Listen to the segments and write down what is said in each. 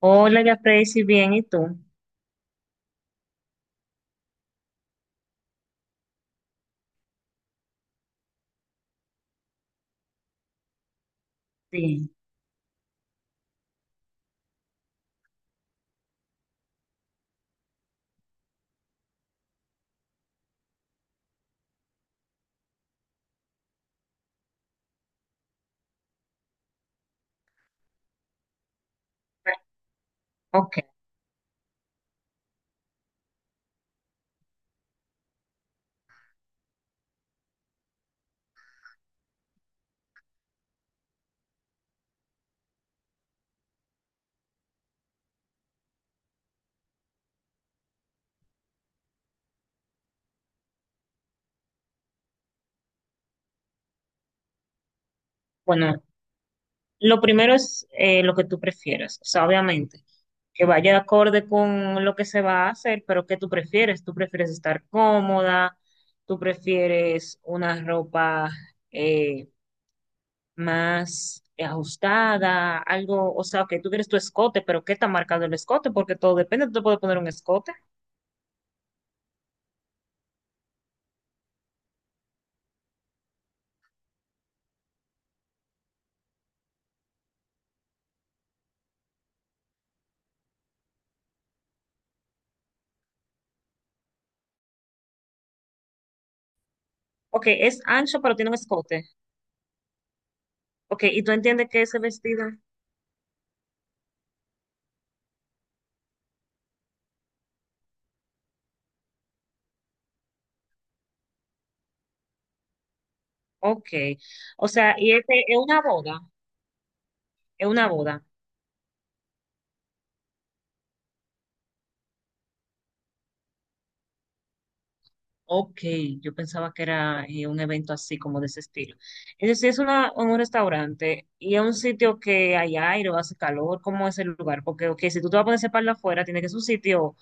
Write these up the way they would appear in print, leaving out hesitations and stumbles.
Hola, ya si bien, ¿y tú? Sí. Ok, bueno, lo primero es lo que tú prefieras, o sea, obviamente, que vaya de acorde con lo que se va a hacer, pero ¿qué tú prefieres? ¿Tú prefieres estar cómoda? ¿Tú prefieres una ropa eh, más ajustada? Algo, o sea, que tú quieres tu escote, pero ¿qué está marcado el escote? Porque todo depende, tú te puedes poner un escote. Ok, es ancho, pero tiene un escote. Ok, ¿y tú entiendes qué es el vestido? Ok. O sea, y este es una boda, es una boda. Ok, yo pensaba que era un evento así como de ese estilo. Es decir, es una, un restaurante y es un sitio que hay aire o hace calor, ¿cómo es el lugar? Porque, ok, si tú te vas a poner ese palo afuera, tiene que ser un sitio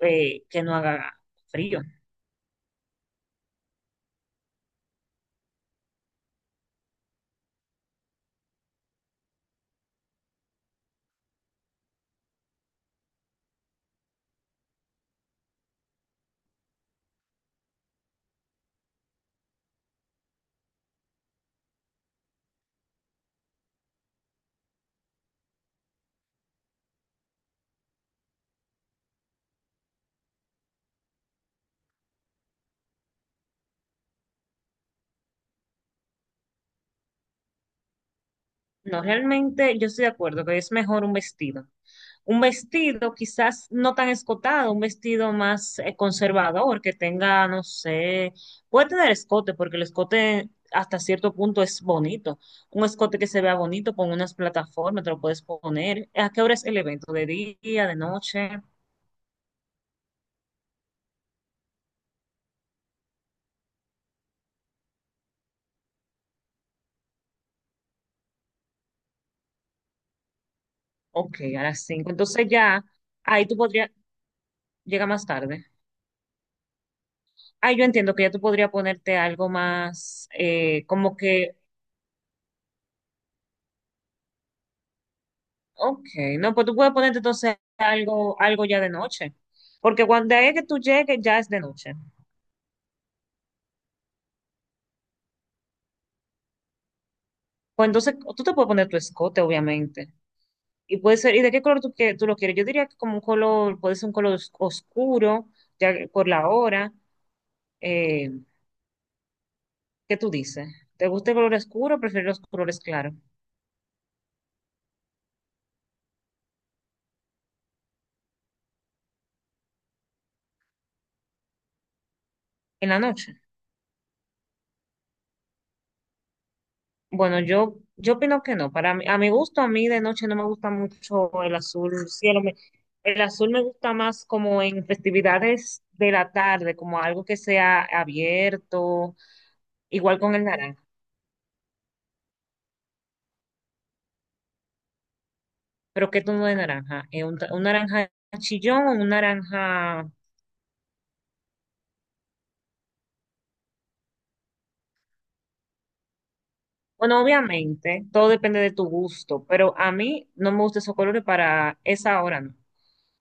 que no haga frío. No, realmente yo estoy de acuerdo que es mejor un vestido. Un vestido quizás no tan escotado, un vestido más conservador que tenga, no sé, puede tener escote porque el escote hasta cierto punto es bonito. Un escote que se vea bonito con unas plataformas, te lo puedes poner. ¿A qué hora es el evento? ¿De día, de noche? Ok, a las 5. Entonces ya, ahí tú podrías, llega más tarde. Ah, yo entiendo que ya tú podrías ponerte algo más, como que Ok, no, pues tú puedes ponerte entonces algo, algo ya de noche, porque cuando es que tú llegues ya es de noche. Pues entonces tú te puedes poner tu escote, obviamente. Y puede ser, ¿y de qué color tú, que, tú lo quieres? Yo diría que como un color, puede ser un color oscuro, ya que por la hora. Eh, ¿Qué tú dices? ¿Te gusta el color oscuro o prefieres los colores claros? En la noche. Bueno, yo opino que no. Para mí, a mi gusto, a mí de noche no me gusta mucho el azul cielo. Me- el azul me gusta más como en festividades de la tarde, como algo que sea abierto, igual con el naranja. Pero ¿qué tono de naranja? Un naranja chillón o un naranja Bueno, obviamente, todo depende de tu gusto, pero a mí no me gustan esos colores para esa hora, no.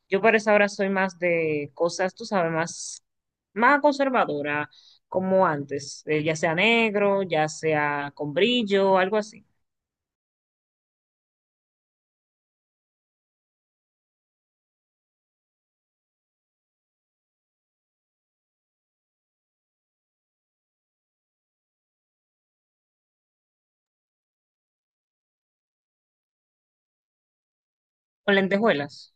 Yo para esa hora soy más de cosas, tú sabes, más, más conservadora, como antes, ya sea negro, ya sea con brillo, algo así. Con lentejuelas.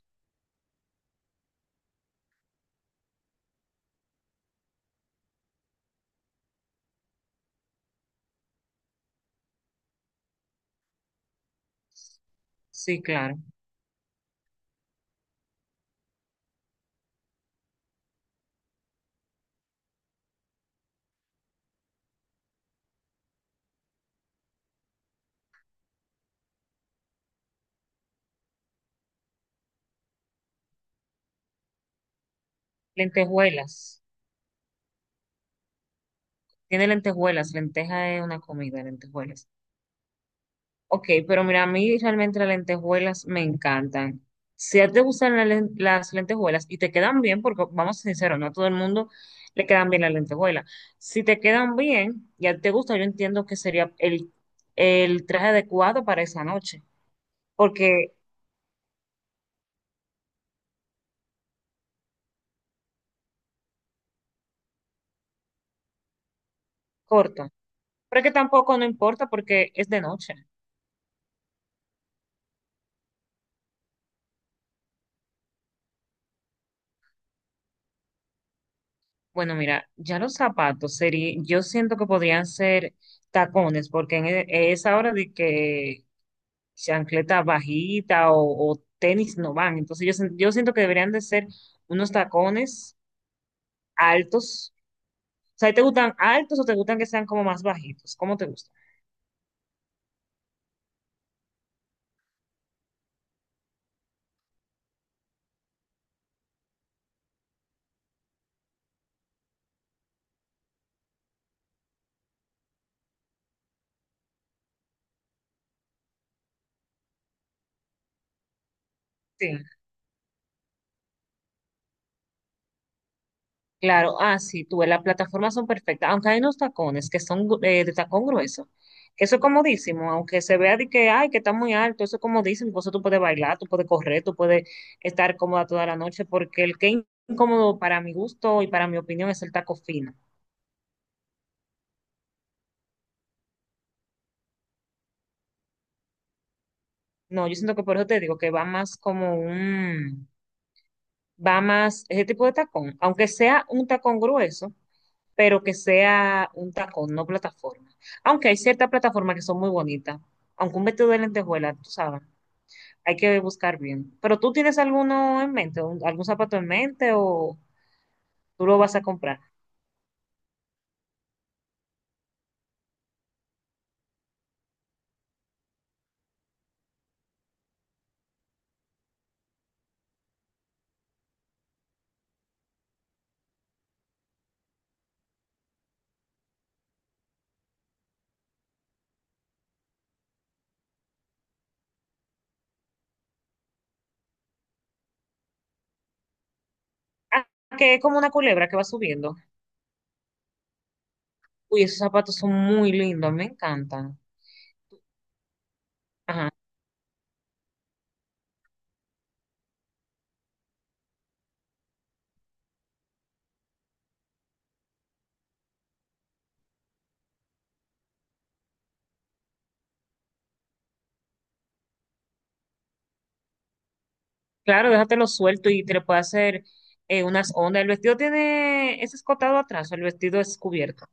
Sí, claro. Lentejuelas. Tiene lentejuelas. Lenteja es una comida, lentejuelas. Ok, pero mira, a mí realmente las lentejuelas me encantan. Si a ti te gustan la las lentejuelas y te quedan bien, porque vamos sinceros, no a todo el mundo le quedan bien las lentejuelas. Si te quedan bien y a ti te gusta, yo entiendo que sería el traje adecuado para esa noche, porque corto. Pero es que tampoco no importa porque es de noche. Bueno, mira, ya los zapatos sería, yo siento que podrían ser tacones, porque en esa hora de que chancleta bajita o tenis no van. Entonces yo, yo siento que deberían de ser unos tacones altos. O sea, ¿te gustan altos o te gustan que sean como más bajitos? ¿Cómo te gustan? Sí, claro. Ah, sí, tú, ves, las plataformas son perfectas, aunque hay unos tacones que son de tacón grueso. Que Eso es comodísimo, aunque se vea de que, ay, que está muy alto, eso es comodísimo, por eso tú puedes bailar, tú puedes correr, tú puedes estar cómoda toda la noche, porque el que es incómodo para mi gusto y para mi opinión es el taco fino. No, yo siento que por eso te digo que va más como un, va más ese tipo de tacón, aunque sea un tacón grueso, pero que sea un tacón, no plataforma. Aunque hay ciertas plataformas que son muy bonitas, aunque un vestido de lentejuela, tú sabes, hay que buscar bien. Pero tú tienes alguno en mente, algún zapato en mente o tú lo vas a comprar. Ah, que es como una culebra que va subiendo. Uy, esos zapatos son muy lindos, me encantan. Ajá. Claro, déjatelo suelto y te le puede hacer unas ondas. El vestido tiene, es escotado atrás, o el vestido es cubierto.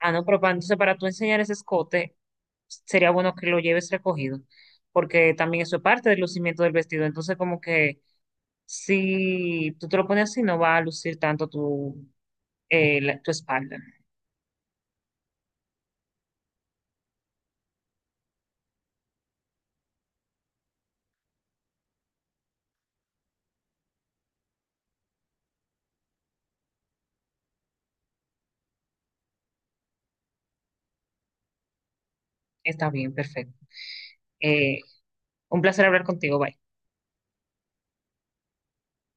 Ah, no, pero para, entonces para tú enseñar ese escote, sería bueno que lo lleves recogido, porque también eso es parte del lucimiento del vestido. Entonces, como que si tú te lo pones así, no va a lucir tanto tu, tu espalda. Está bien, perfecto. Eh, un placer hablar contigo, bye.